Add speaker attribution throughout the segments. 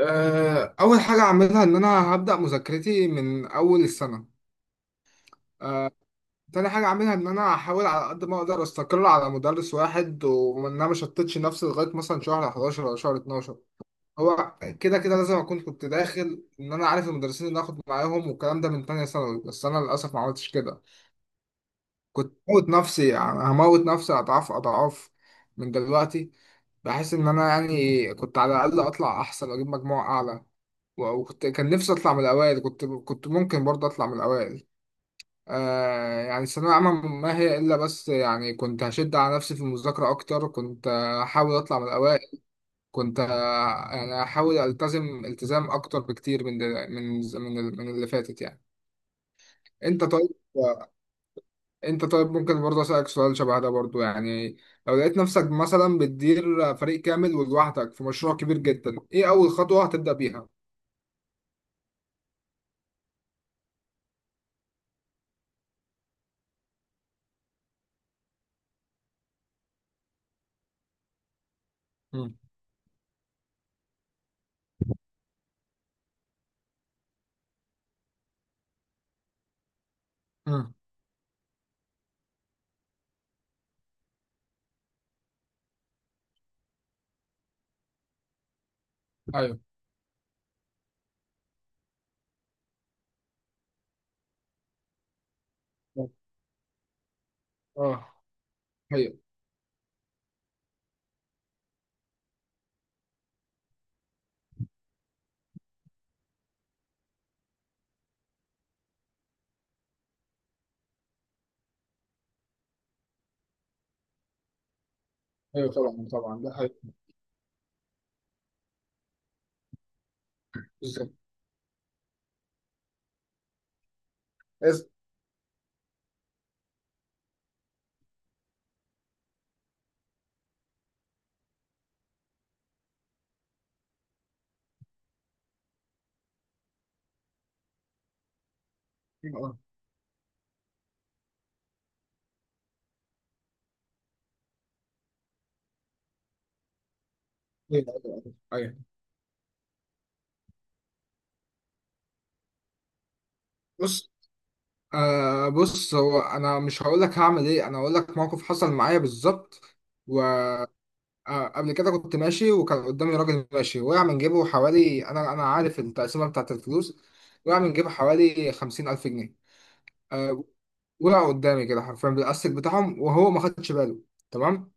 Speaker 1: آه، أول حاجة أعملها إن أنا هبدأ مذاكرتي من أول السنة. آه، تاني حاجة أعملها إن أنا أحاول على قد ما أقدر أستقر على مدرس واحد، وإن أنا مشتتش نفسي لغاية مثلا شهر 11 ولا شهر 12. هو كده كده لازم أكون كنت داخل إن أنا عارف المدرسين اللي هاخد معاهم والكلام ده من تانية ثانوي، بس أنا للأسف ما عملتش كده. كنت هموت نفسي، يعني هموت نفسي أضعاف أضعاف من دلوقتي، بحيث إن أنا يعني كنت على الأقل أطلع أحسن وأجيب مجموع أعلى. وكنت كان نفسي اطلع من الاوائل، كنت ممكن برضه اطلع من الاوائل. يعني الثانويه العامه ما هي الا، بس يعني كنت هشد على نفسي في المذاكره اكتر، كنت هحاول اطلع من الاوائل. يعني هحاول التزم التزام اكتر بكتير من دل- من من ال- من اللي فاتت يعني. انت طيب؟ انت طيب، ممكن برضه اسالك سؤال شبه ده برضه؟ يعني لو لقيت نفسك مثلا بتدير فريق كامل ولوحدك في مشروع كبير جدا، ايه اول خطوه هتبدا بيها؟ مم. مم. ايوه. اه، هي، ايوه طبعا طبعا، ده حقيقي. بالظبط. إز- اه، ايوه ايوه ايوه أيوة. بص. آه، بص، هو انا مش هقول لك هعمل ايه، انا هقول لك موقف حصل معايا بالظبط. وقبل كده كنت ماشي وكان قدامي راجل ماشي، وقع من جيبه حوالي، انا عارف التقسيمه بتاعت الفلوس، وقع من جيبه حوالي 50,000 جنيه. آه. وقع قدامي كده حرفيا بالاستك بتاعهم، وهو ما خدش باله. تمام.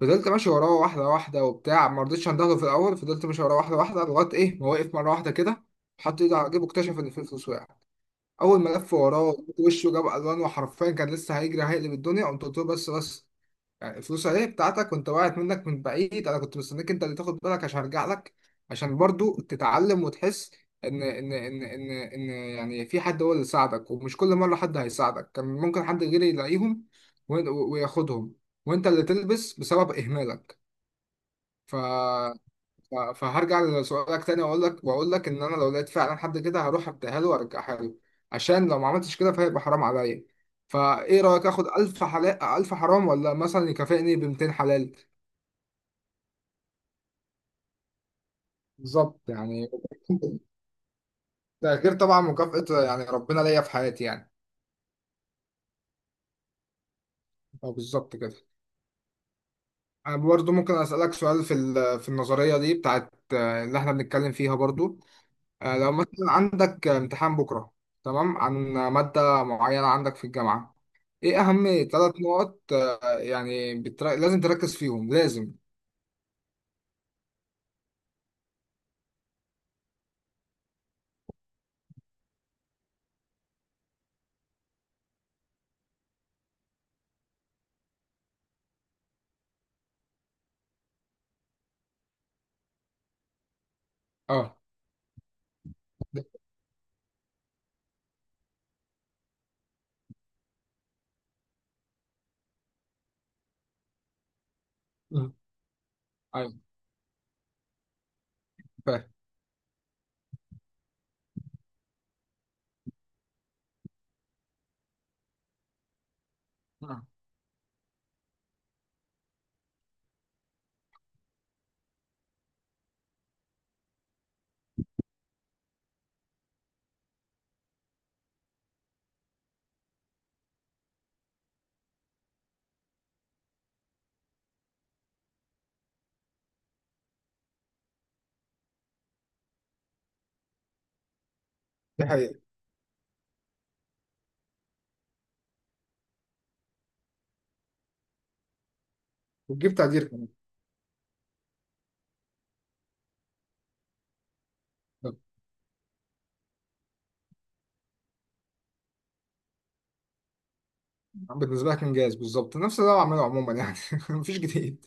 Speaker 1: فضلت ماشي وراه واحدة واحدة وبتاع، ما رضيتش اندهله في الأول. فضلت ماشي وراه واحدة واحدة لغاية إيه ما وقف مرة واحدة كده، حط إيده على جيبه اكتشف إن في فلوس وقعت. أول ما لف وراه وشه جاب ألوان، وحرفيا كان لسه هيجري هيقلب الدنيا، قمت قلت له: بس بس، يعني الفلوس أهي بتاعتك، وأنت وقعت منك من بعيد، أنا كنت مستنيك أنت اللي تاخد بالك عشان أرجع لك، عشان برضو تتعلم وتحس إن يعني في حد هو اللي ساعدك، ومش كل مرة حد هيساعدك. كان ممكن حد غيري يلاقيهم وياخدهم، وأنت اللي تلبس بسبب إهمالك. ف... ف... فهرجع لسؤالك تاني، واقول لك، ان انا لو لقيت فعلا حد كده هروح اديها له وارجعها له، عشان لو ما عملتش كده فهيبقى حرام عليا. فايه رايك، اخد 1000 حلال، 1000 حرام، ولا مثلا يكافئني ب 200 حلال؟ بالظبط يعني. ده غير طبعا مكافأة يعني ربنا ليا في حياتي يعني. اه، بالظبط كده. انا برضو ممكن اسالك سؤال في النظريه دي بتاعت اللي احنا بنتكلم فيها برضو. لو مثلا عندك امتحان بكرة، تمام، عن مادة معينة عندك في الجامعة، ايه اهم ثلاث نقط يعني لازم تركز فيهم لازم؟ اه. ده- مم. ايوه، فاهم. آه. دي حقيقة. وتجيب تقدير كمان. طب، بالنسبة لك انجاز. بالظبط نفس اللي انا بعمله عموما يعني. مفيش جديد.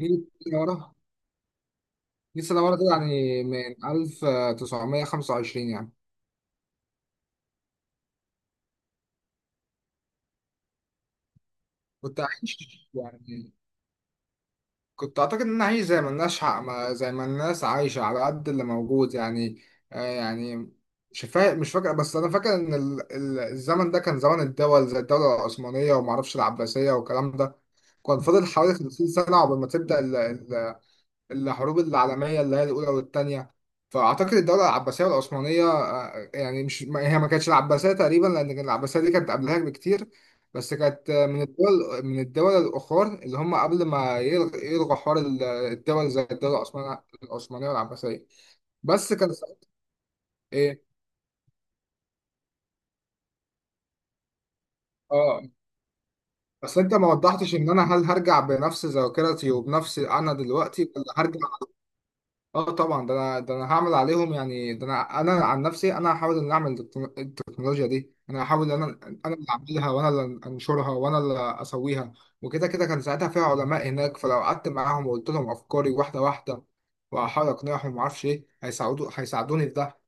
Speaker 1: نيجي سنة ورا. نيجي سنة ورا كده يعني من 1925 يعني. كنت عايش يعني. كنت اعتقد انها هي زي ما الناس حق ما زي ما الناس عايشه على قد اللي موجود يعني. آه يعني مش فاكر، بس انا فاكر ان الزمن ده كان زمن الدول زي الدوله العثمانيه، وما اعرفش العباسيه والكلام ده. كان فاضل حوالي 50 سنه قبل ما تبدا الحروب العالمية اللي هي الأولى والتانية. فأعتقد الدولة العباسية والعثمانية، يعني مش ما- هي ما كانتش العباسية تقريبا، لأن العباسية دي كانت قبلها بكتير. بس كانت، من الدول الأخرى اللي هم قبل ما يلغوا حوار الدول زي الدولة العثمانية والعباسية. بس كان سا- إيه آه بس أنت ما وضحتش إن أنا، هل هرجع بنفس ذاكرتي وبنفس أنا دلوقتي، ولا هرجع؟ اه طبعا، ده انا، هعمل عليهم يعني، ده انا عن نفسي، انا هحاول ان اعمل التكنولوجيا دي، انا هحاول ان انا، اللي اعملها، وانا اللي انشرها، وانا اللي اسويها. وكده كده كان ساعتها فيها علماء هناك، فلو قعدت معاهم وقلت لهم افكاري واحده واحده، واحاول اقنعهم، ومعرفش ايه، هيساعدوني في ده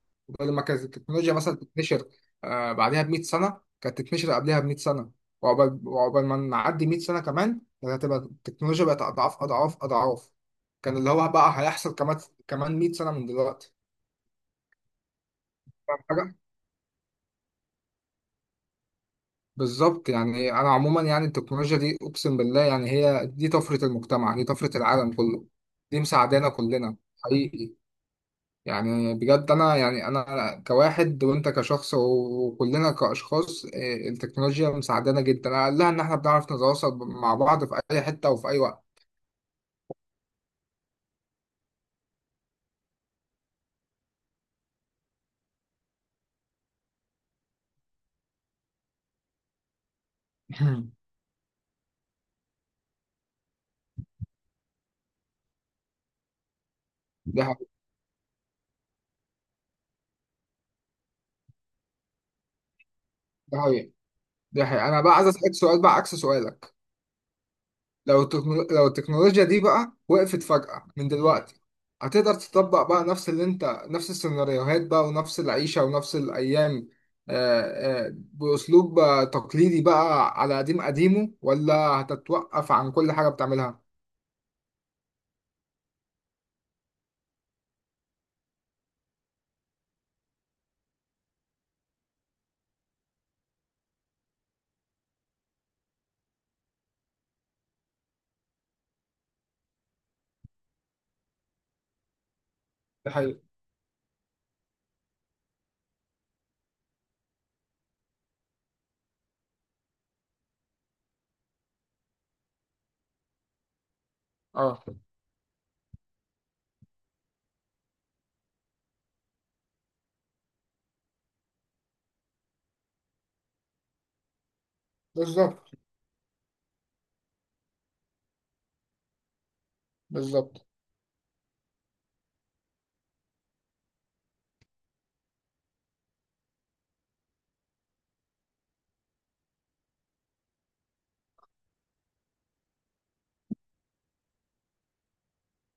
Speaker 1: لما كانت التكنولوجيا مثلا تتنشر. بعدها ب 100 سنه كانت تتنشر، قبلها ب 100 سنه. وعقبال ما نعدي 100 سنه كمان، كانت هتبقى التكنولوجيا بقت اضعاف اضعاف اضعاف. كان اللي هو بقى هيحصل كمان، كمان 100 سنة من دلوقتي. فاهم حاجة؟ بالظبط، يعني أنا عموما يعني التكنولوجيا دي أقسم بالله، يعني هي دي طفرة المجتمع، دي طفرة العالم كله، دي مساعدانا كلنا. حقيقي. يعني بجد، أنا يعني، أنا كواحد وأنت كشخص وكلنا كأشخاص، إيه، التكنولوجيا مساعدانا جدا، أقلها إن إحنا بنعرف نتواصل مع بعض في أي حتة وفي أي وقت. دي حقيقة، دي حقيقة. دي حقيقة أنا بقى عايز أسألك سؤال بقى عكس سؤالك. لو التكنولوجيا دي بقى وقفت فجأة من دلوقتي، هتقدر تطبق بقى نفس اللي انت، نفس السيناريوهات بقى، ونفس العيشة ونفس الأيام، آه، بأسلوب تقليدي بقى على قديم قديمه، ولا هتتوقف عن كل حاجة بتعملها؟ دي حقيقة. اه، بالظبط بالظبط.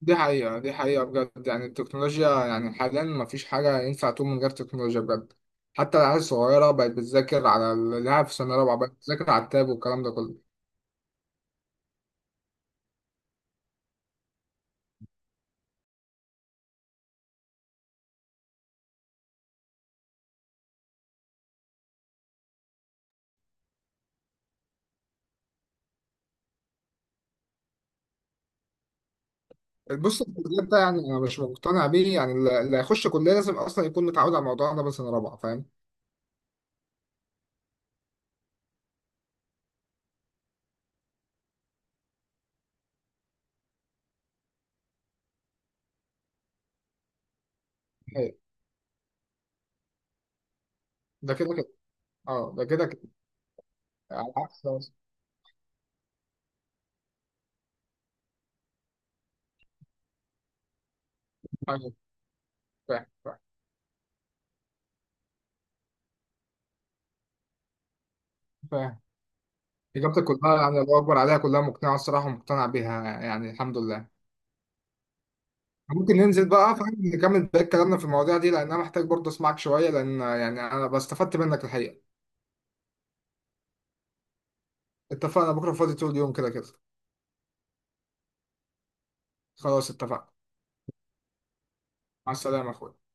Speaker 1: دي حقيقة، دي حقيقة بجد، يعني التكنولوجيا يعني حاليا مفيش حاجة ينفع تقوم من غير تكنولوجيا بجد. حتى العيال الصغيرة بقت بتذاكر، على اللي في سنة رابعة بقت بتذاكر على التاب والكلام ده كله. بص، الكلام ده يعني انا مش مقتنع بيه، يعني اللي هيخش كليه لازم اصلا يكون متعود على الموضوع ده من سنه رابعه، فاهم. أيوة. ده كده كده. اه، ده كده كده. على عكس. أيوة، فاهم فاهم فاهم. اجابتك كلها يعني الله اكبر عليها، كلها مقنعه الصراحه ومقتنع بيها، يعني الحمد لله. ممكن ننزل بقى فاهم، نكمل بقى كلامنا في المواضيع دي، لان انا محتاج برضه اسمعك شويه، لان يعني انا بستفدت منك الحقيقه. اتفقنا، بكره فاضي طول اليوم كده كده. خلاص اتفقنا. مع السلامه يا اخويا.